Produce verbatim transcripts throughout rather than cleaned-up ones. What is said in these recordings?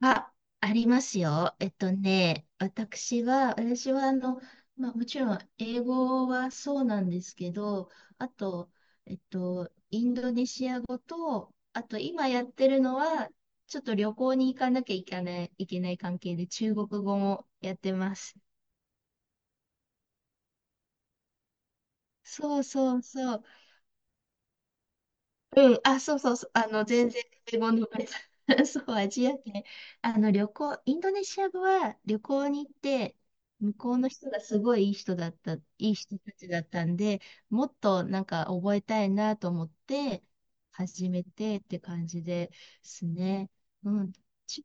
あ、ありますよ。えっとね、私は、私はあの、まあ、もちろん英語はそうなんですけど、あと、えっと、インドネシア語と、あと今やってるのは、ちょっと旅行に行かなきゃいけない、いけない関係で中国語もやってます。そうそうそう。うん、あ、そうそうそう、あの、全然英語の そう、アジア圏。あの、旅行、インドネシア語は旅行に行って、向こうの人がすごいいい人だった、いい人たちだったんで、もっとなんか覚えたいなと思って、始めてって感じですね。うん。ち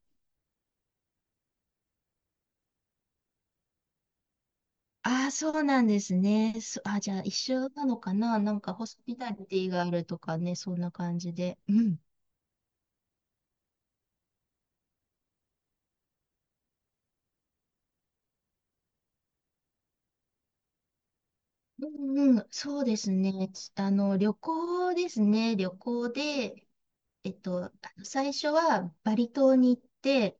ああ、そうなんですね。そあ、じゃあ一緒なのかな、なんかホスピタリティがあるとかね、そんな感じで。うん。うんうん、そうですね。あの、旅行ですね。旅行で、えっと、あの最初はバリ島に行って、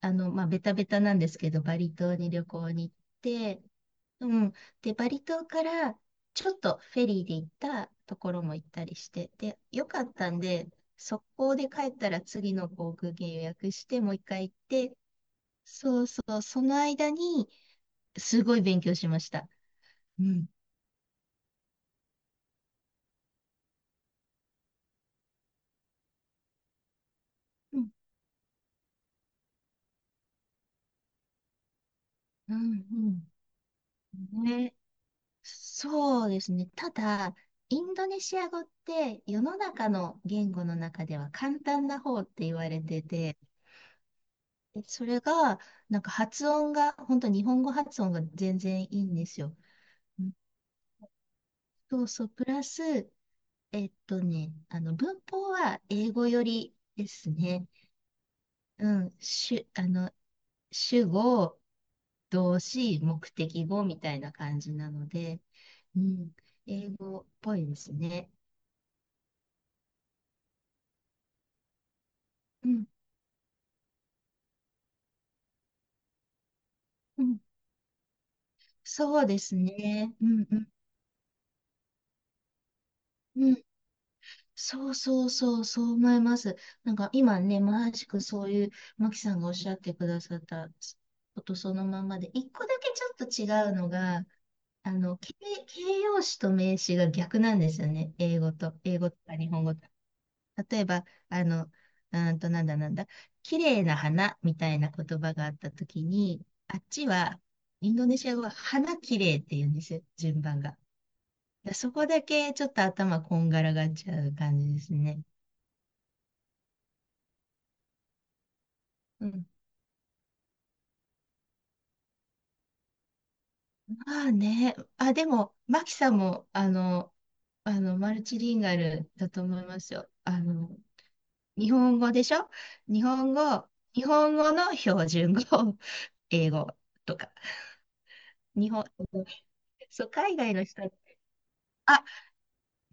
あの、まあ、ベタベタなんですけど、バリ島に旅行に行って、うん。で、バリ島からちょっとフェリーで行ったところも行ったりして、で、よかったんで、速攻で帰ったら次の航空券予約して、もう一回行って、そうそう、その間にすごい勉強しました。うん。うん、うん、うん。ね、そうですね。ただ、インドネシア語って世の中の言語の中では簡単な方って言われてて、でそれが、なんか発音が、本当日本語発音が全然いいんですよ。うん、そうそう、プラス、えっとね、あの、文法は英語よりですね。うん、主、あの、主語、動詞、目的語みたいな感じなので、うん、英語っぽいですね。うんうん、そうですね。うんうんうん。そうそうそう、そう思います。なんか今ね、まさしくそういう、マキさんがおっしゃってくださったことそのままで、一個だけちょっと違うのが、あの、形、形容詞と名詞が逆なんですよね。英語と、英語とか日本語とか。例えば、あの、うーんと、なんだなんだ、綺麗な花みたいな言葉があったときに、あっちは、インドネシア語は花綺麗って言うんですよ、順番が。でそこだけちょっと頭こんがらがっちゃう感じですね。うん。まあね。あ、でも、マキさんも、あの、あの、マルチリンガルだと思いますよ。あの、日本語でしょ、日本語、日本語の標準語、英語とか。日本、そう、海外の人、あ、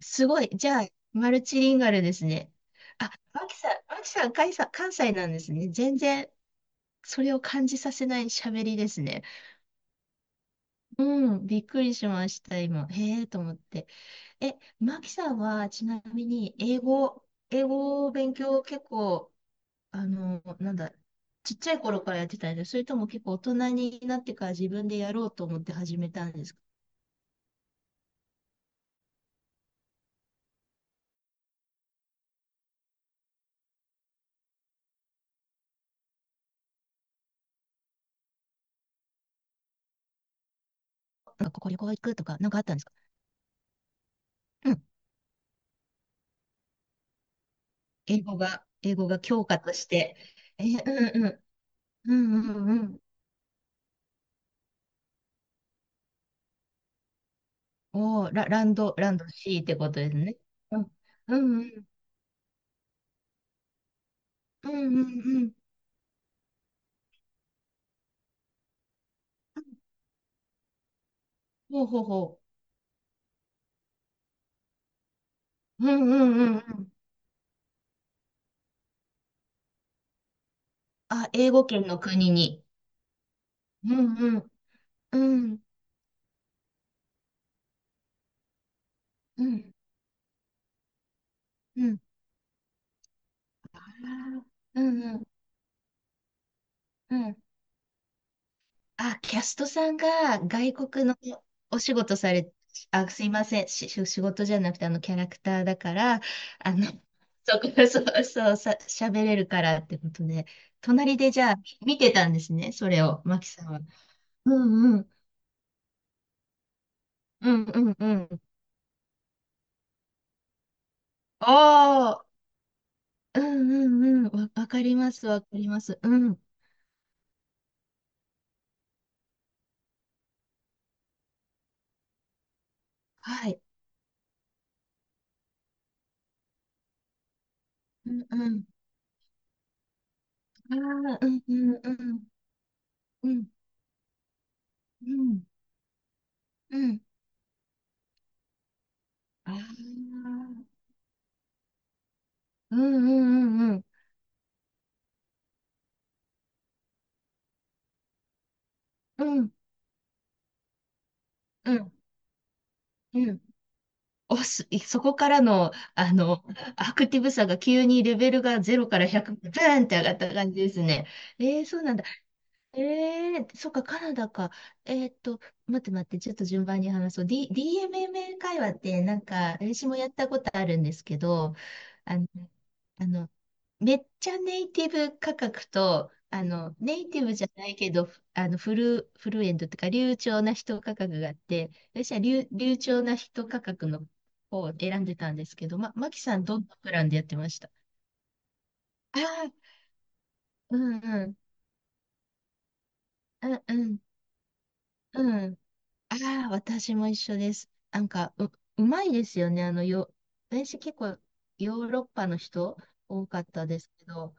すごい。じゃあ、マルチリンガルですね。あ、マキさん、マキさん、関西関西なんですね。全然、それを感じさせない喋りですね。うん、びっくりしました、今。へえと思って。え、マキさんは、ちなみに、英語、英語を勉強結構、あの、なんだ、ちっちゃい頃からやってたんですか？それとも結構大人になってから自分でやろうと思って始めたんですか？なんか、ここ旅行行くとか、なんかあったんですか？うん。英語が、英語が教科として。え、うんうん。うんうんうん。おー、ラ、ランド、ランド シー ってことですね。うん。うんうん。うんうんうん。ほうほうほう。うんうんうんうん。あ、英語圏の国に。うんうん。うん。うん。うん。あーうんうん。うん。あ、キャストさんが外国のお仕事され、あ、すいません。し、し仕事じゃなくて、あの、キャラクターだから、あの、そこ、そうそう、さ、喋れるからってことで、隣でじゃあ、見てたんですね、それを、マキさんは。うんうん。うんうんうん。ああ、うんうんうん。わ、わかります、わかります。うん。はい。うんうん。ああ、うんうんうんうんうんうんああー、うんうんうんうんうんうんうん。おす、そこからの、あの、アクティブさが急にレベルがゼロからひゃく、ブーンって上がった感じですね。えー、そうなんだ。ええ、そっか、カナダか。えーっと、待って待って、ちょっと順番に話そう。D、ディーエムエム 会話って、なんか、私もやったことあるんですけど、あの、あの、めっちゃネイティブ価格と、あの、ネイティブじゃないけど、あの、フル、フルエントっていうか、流暢な人価格があって、私は流、流暢な人価格の方を選んでたんですけど、ま、マキさん、どんなプランでやってました？ああー、うんうん、あ、うん、うん。ああ、私も一緒です。なんか、う、うまいですよね。あの、よ、私結構ヨーロッパの人多かったですけど、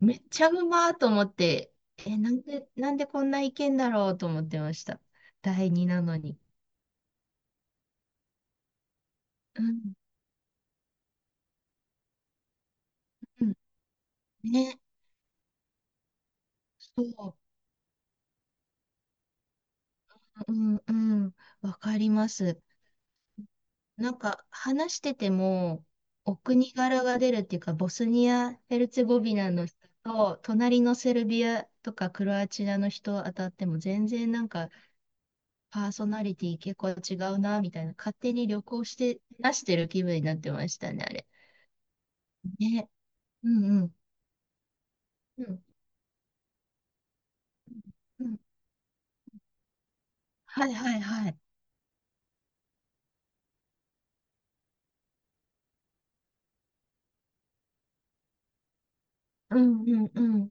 めっちゃうまーと思って、え、なんで、なんでこんないけんだろうと思ってました。第二なのに。うん、うん、ね、そう、うん、うん、わかります。なんか話してても、お国柄が出るっていうか、ボスニア・ヘルツェゴビナの人と、隣のセルビアとかクロアチアの人当たっても、全然なんかパーソナリティ結構違うな、みたいな、勝手に旅行して出してる気分になってましたね、あれ。ね。うんうん。うんうん。はいはいはい。うんうんうん。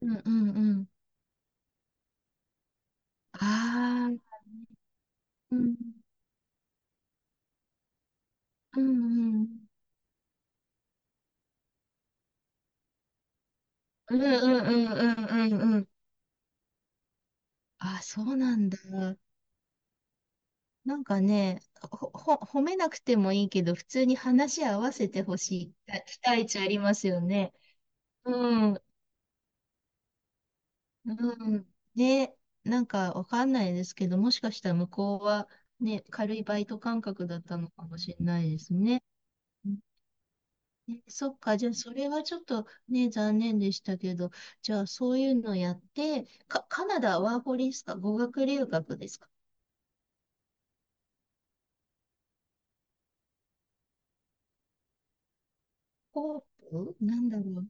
うんうんうん。ああ、うん。うんうん。うんうんうんうんうんうん。あ、そうなんだ。なんかね、ほ、ほ、褒めなくてもいいけど、普通に話合わせてほしい、あ、期待値ありますよね。うん、うん。ね、なんかわかんないですけど、もしかしたら向こうはね、軽いバイト感覚だったのかもしれないですね。うん。ねそっか、じゃあそれはちょっとね、残念でしたけど、じゃあそういうのやって、か、カナダワーホリですか？語学留学ですか？ホープなんだろう。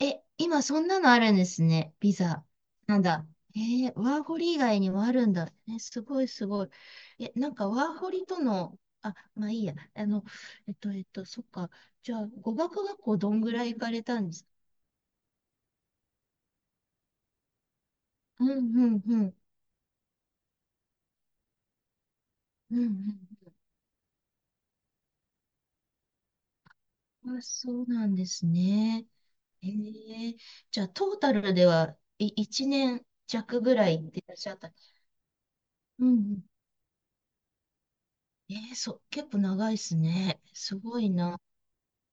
え、今そんなのあるんですね。ビザ。なんだ。えーワーホリ以外にもあるんだ。え、すごいすごい。え、なんかワーホリとの、あ、まあいいや。あの、えっと、えっと、そっか。じゃあ、語学学校どんぐらい行かれたんですか？うんうんうん。うんうん。あ、そうなんですね。えー、じゃあ、トータルでは、い、いちねん弱ぐらい行ってらっしゃった。うんうん。えー、そう、結構長いですね。すごいな。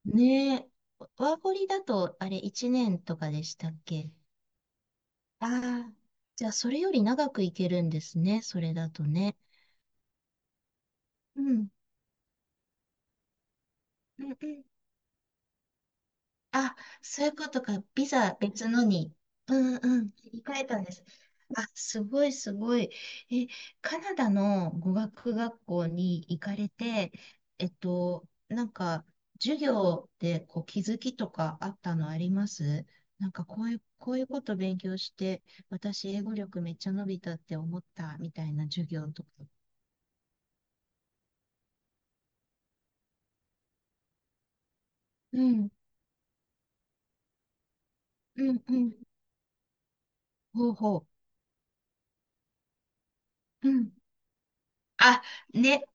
ねえ、ワーホリだと、あれ、いちねんとかでしたっけ？ああー、じゃあ、それより長くいけるんですね、それだとね。うん、うん、うん。あ、そういうことか。ビザ別のに。うんうん。切り替えたんです。あ、すごいすごい。え、カナダの語学学校に行かれて、えっと、なんか、授業でこう気づきとかあったのあります？なんかこういう、こういうこと勉強して、私英語力めっちゃ伸びたって思ったみたいな授業とか。うん、うん、うん。ほうほう。うん。あ、ね、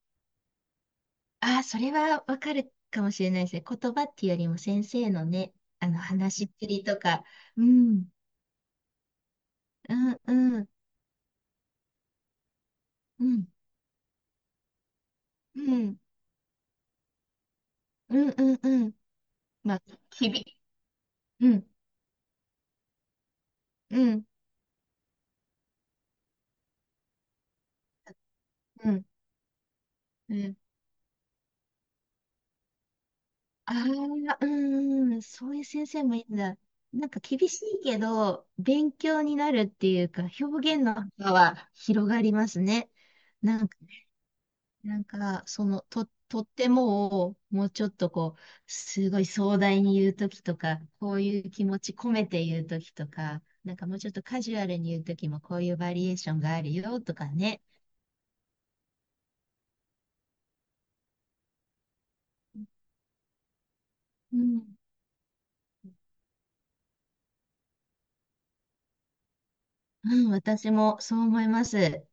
ああ、それはわかるかもしれないですね。言葉っていうよりも先生のね、あの話しっぷりとか、うん、うん、うん、うん、うん、うん、うん、うん、まあ、き々、うん、うん、うん、うん。ああ、うん、そういう先生もいいんだ。なんか厳しいけど、勉強になるっていうか、表現の幅は広がりますね。なんかなんか、その、と、とってもを、もうちょっとこう、すごい壮大に言うときとか、こういう気持ち込めて言うときとか、なんかもうちょっとカジュアルに言うときも、こういうバリエーションがあるよとかね。うん。うん、私もそう思います。